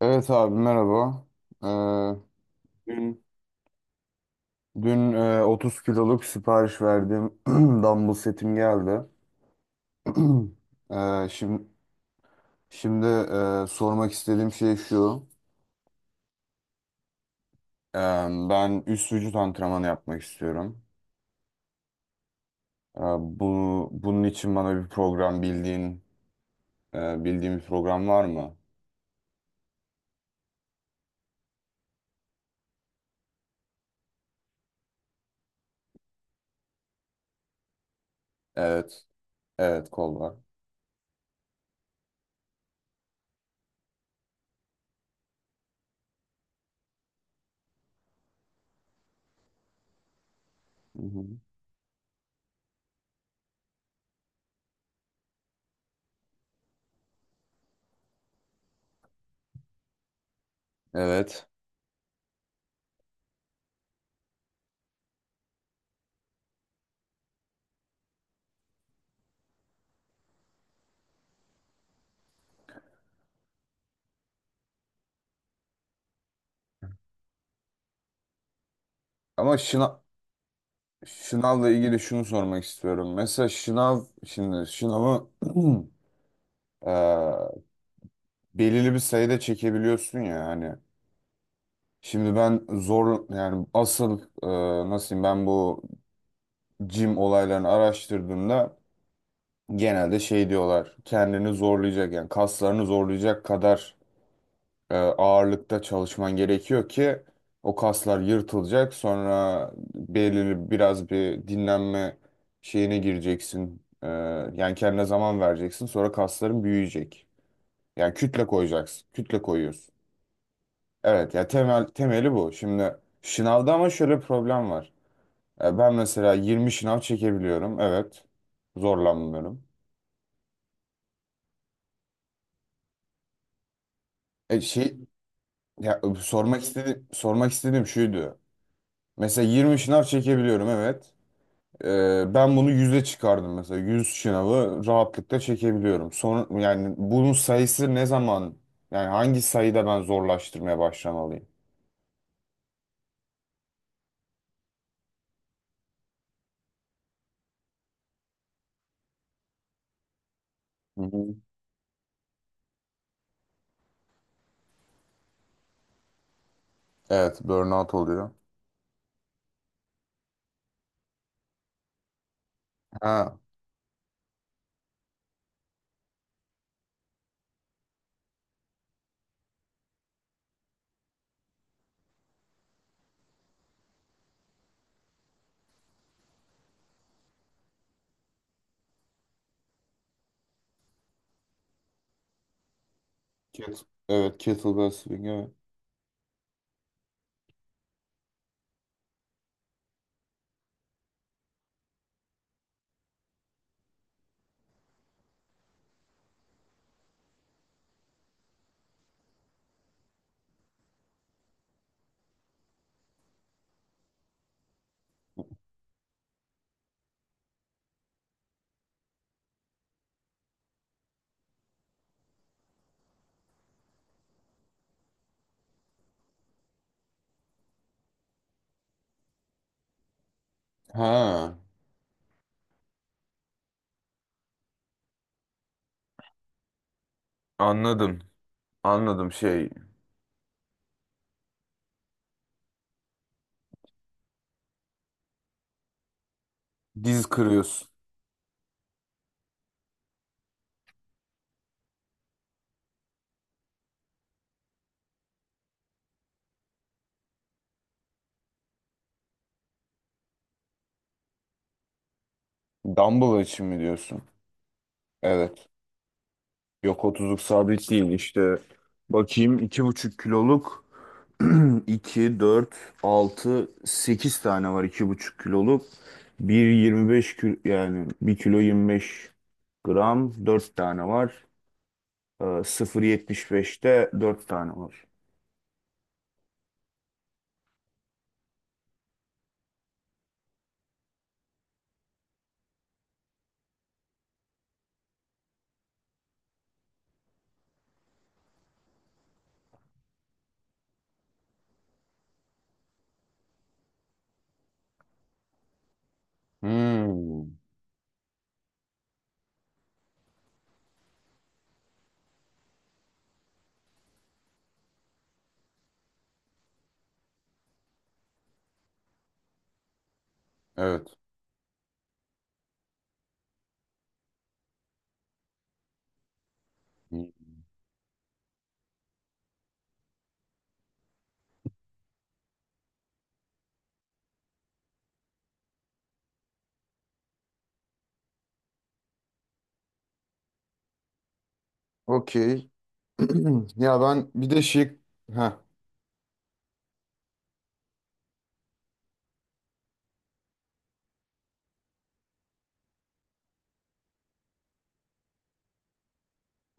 Evet abi merhaba. Ee, dün dün 30 kiloluk sipariş verdiğim dumbbell setim geldi. Ee, şimdi şimdi sormak istediğim şey şu. Ee, Ben üst vücut antrenmanı yapmak istiyorum. Bunun için bana bir program bildiğin e, bildiğim bir program var mı? Evet. Evet, kol var. Hı hı. Evet. Ama şınavla ilgili şunu sormak istiyorum. Mesela şınavı e, belirli bir sayıda çekebiliyorsun ya hani. Şimdi ben zor yani asıl, nasıl diyeyim, ben bu jim olaylarını araştırdığımda genelde şey diyorlar: kendini zorlayacak yani kaslarını zorlayacak kadar ağırlıkta çalışman gerekiyor ki o kaslar yırtılacak, sonra belirli biraz bir dinlenme şeyine gireceksin. Yani kendine zaman vereceksin, sonra kasların büyüyecek, yani kütle koyacaksın, kütle koyuyorsun. Evet ya, temel temeli bu. Şimdi şınavda ama şöyle bir problem var. Ben mesela 20 şınav çekebiliyorum. Evet. Zorlanmıyorum. E şey Ya, sormak istediğim şuydu. Mesela 20 şınav çekebiliyorum, evet. Ben bunu 100'e çıkardım mesela. 100 şınavı rahatlıkla çekebiliyorum. Son, yani bunun sayısı ne zaman, yani hangi sayıda ben zorlaştırmaya başlamalıyım? Hı hı. Evet, burnout oluyor. Ha. Evet, kettlebell swing. Evet. Ha. Anladım. Anladım. Diz kırıyorsun. Dumbbell için mi diyorsun? Evet. Yok, otuzluk sabit değil işte. Bakayım, 2,5 kiloluk iki, dört, altı, 8 tane var 2,5 kiloluk. 1,25 kilo, yani 1 kilo 25 gram 4 tane var. 0,75'te 4 tane var. Hmm, evet. Okey. Ya, ben bir de şey... Heh.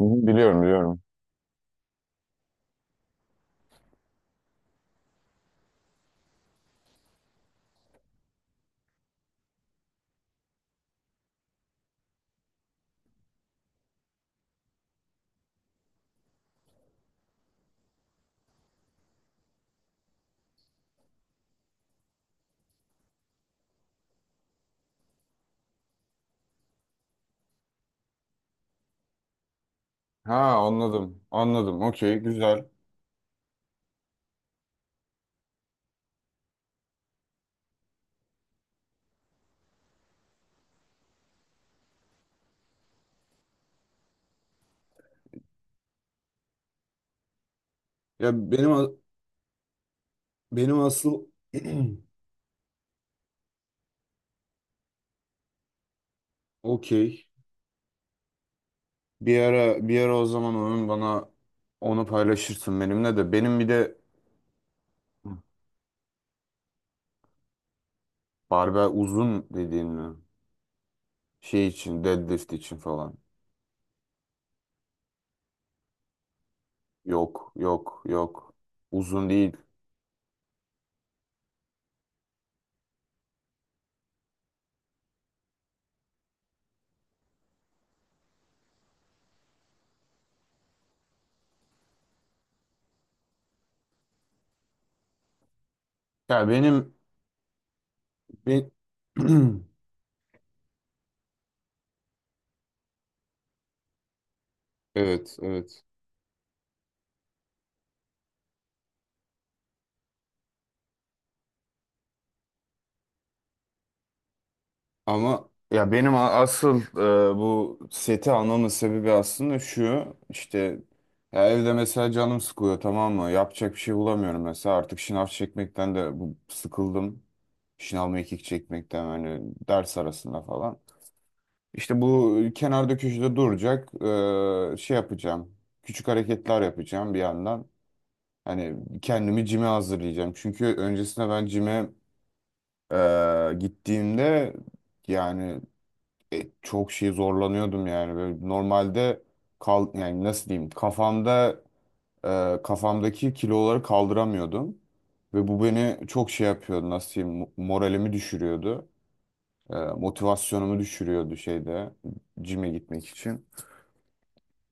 Hı hı, biliyorum biliyorum. Ha, anladım. Anladım. Okey, güzel. Ya benim a- Benim asıl okey. Bir ara, bir ara o zaman onun bana onu paylaşırsın benimle de. Benim bir de barbell uzun dediğin mi? Şey için Deadlift için falan. Yok, yok, yok. Uzun değil. Ya, benim bir evet, evet. Ama asıl bu seti almamın sebebi aslında şu işte: ya evde mesela canım sıkılıyor, tamam mı? Yapacak bir şey bulamıyorum mesela, artık şınav çekmekten de sıkıldım. Şınav, mekik çekmekten hani, ders arasında falan. İşte bu kenarda köşede duracak, şey yapacağım. Küçük hareketler yapacağım bir yandan. Hani kendimi cime hazırlayacağım. Çünkü öncesinde ben cime gittiğimde, yani çok şey zorlanıyordum yani. Böyle normalde yani nasıl diyeyim, kafamdaki kiloları kaldıramıyordum ve bu beni çok şey yapıyordu, nasıl diyeyim, moralimi düşürüyordu. Motivasyonumu düşürüyordu şeyde, cime gitmek için.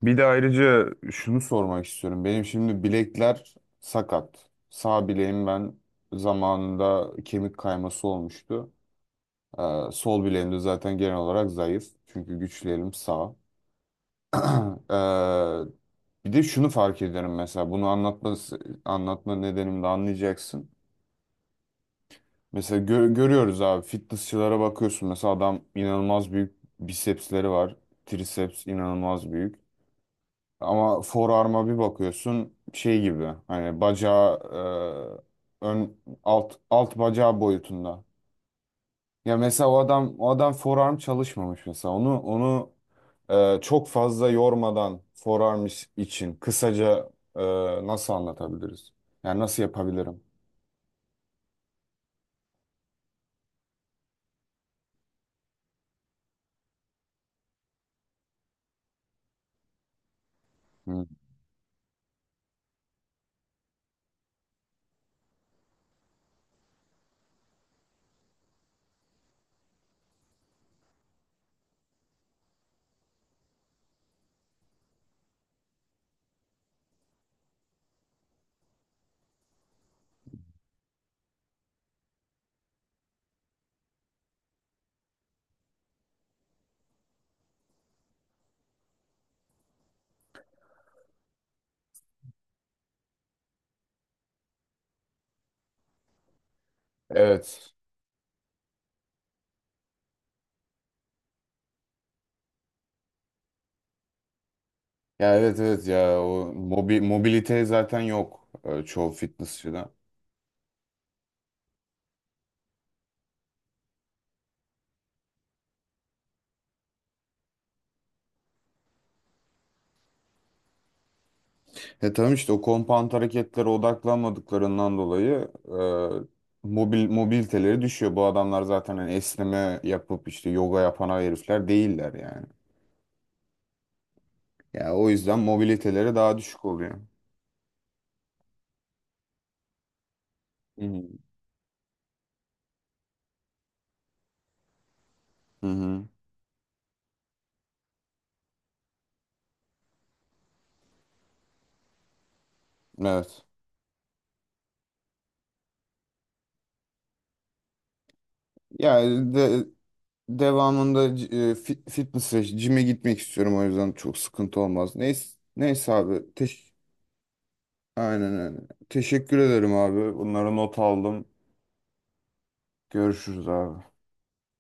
Bir de ayrıca şunu sormak istiyorum. Benim şimdi bilekler sakat. Sağ bileğim, ben zamanında kemik kayması olmuştu. E, Sol bileğim de zaten genel olarak zayıf. Çünkü güçlerim sağ. Eee, Bir de şunu fark ediyorum: mesela bunu anlatma nedenimi de anlayacaksın. Mesela görüyoruz abi, fitnessçılara bakıyorsun, mesela adam inanılmaz büyük bisepsleri var. Triceps inanılmaz büyük. Ama forearm'a bir bakıyorsun, şey gibi hani, bacağı ön alt bacağı boyutunda. Ya mesela o adam forearm çalışmamış mesela. Onu çok fazla yormadan forearm için kısaca, e, nasıl anlatabiliriz? Yani nasıl yapabilirim? Hı. Evet. Ya evet, evet, ya o mobilite zaten yok çoğu fitnessçıda. Tamam işte, o compound hareketlere odaklanmadıklarından dolayı mobiliteleri düşüyor. Bu adamlar zaten hani esneme yapıp işte yoga yapan herifler değiller yani. Ya o yüzden mobiliteleri daha düşük oluyor. Hmm. Hı hı. Evet. Ya de, Devamında fitness'e, cime gitmek istiyorum, o yüzden çok sıkıntı olmaz. Neyse, neyse abi. Aynen öyle. Teşekkür ederim abi. Bunları not aldım. Görüşürüz abi.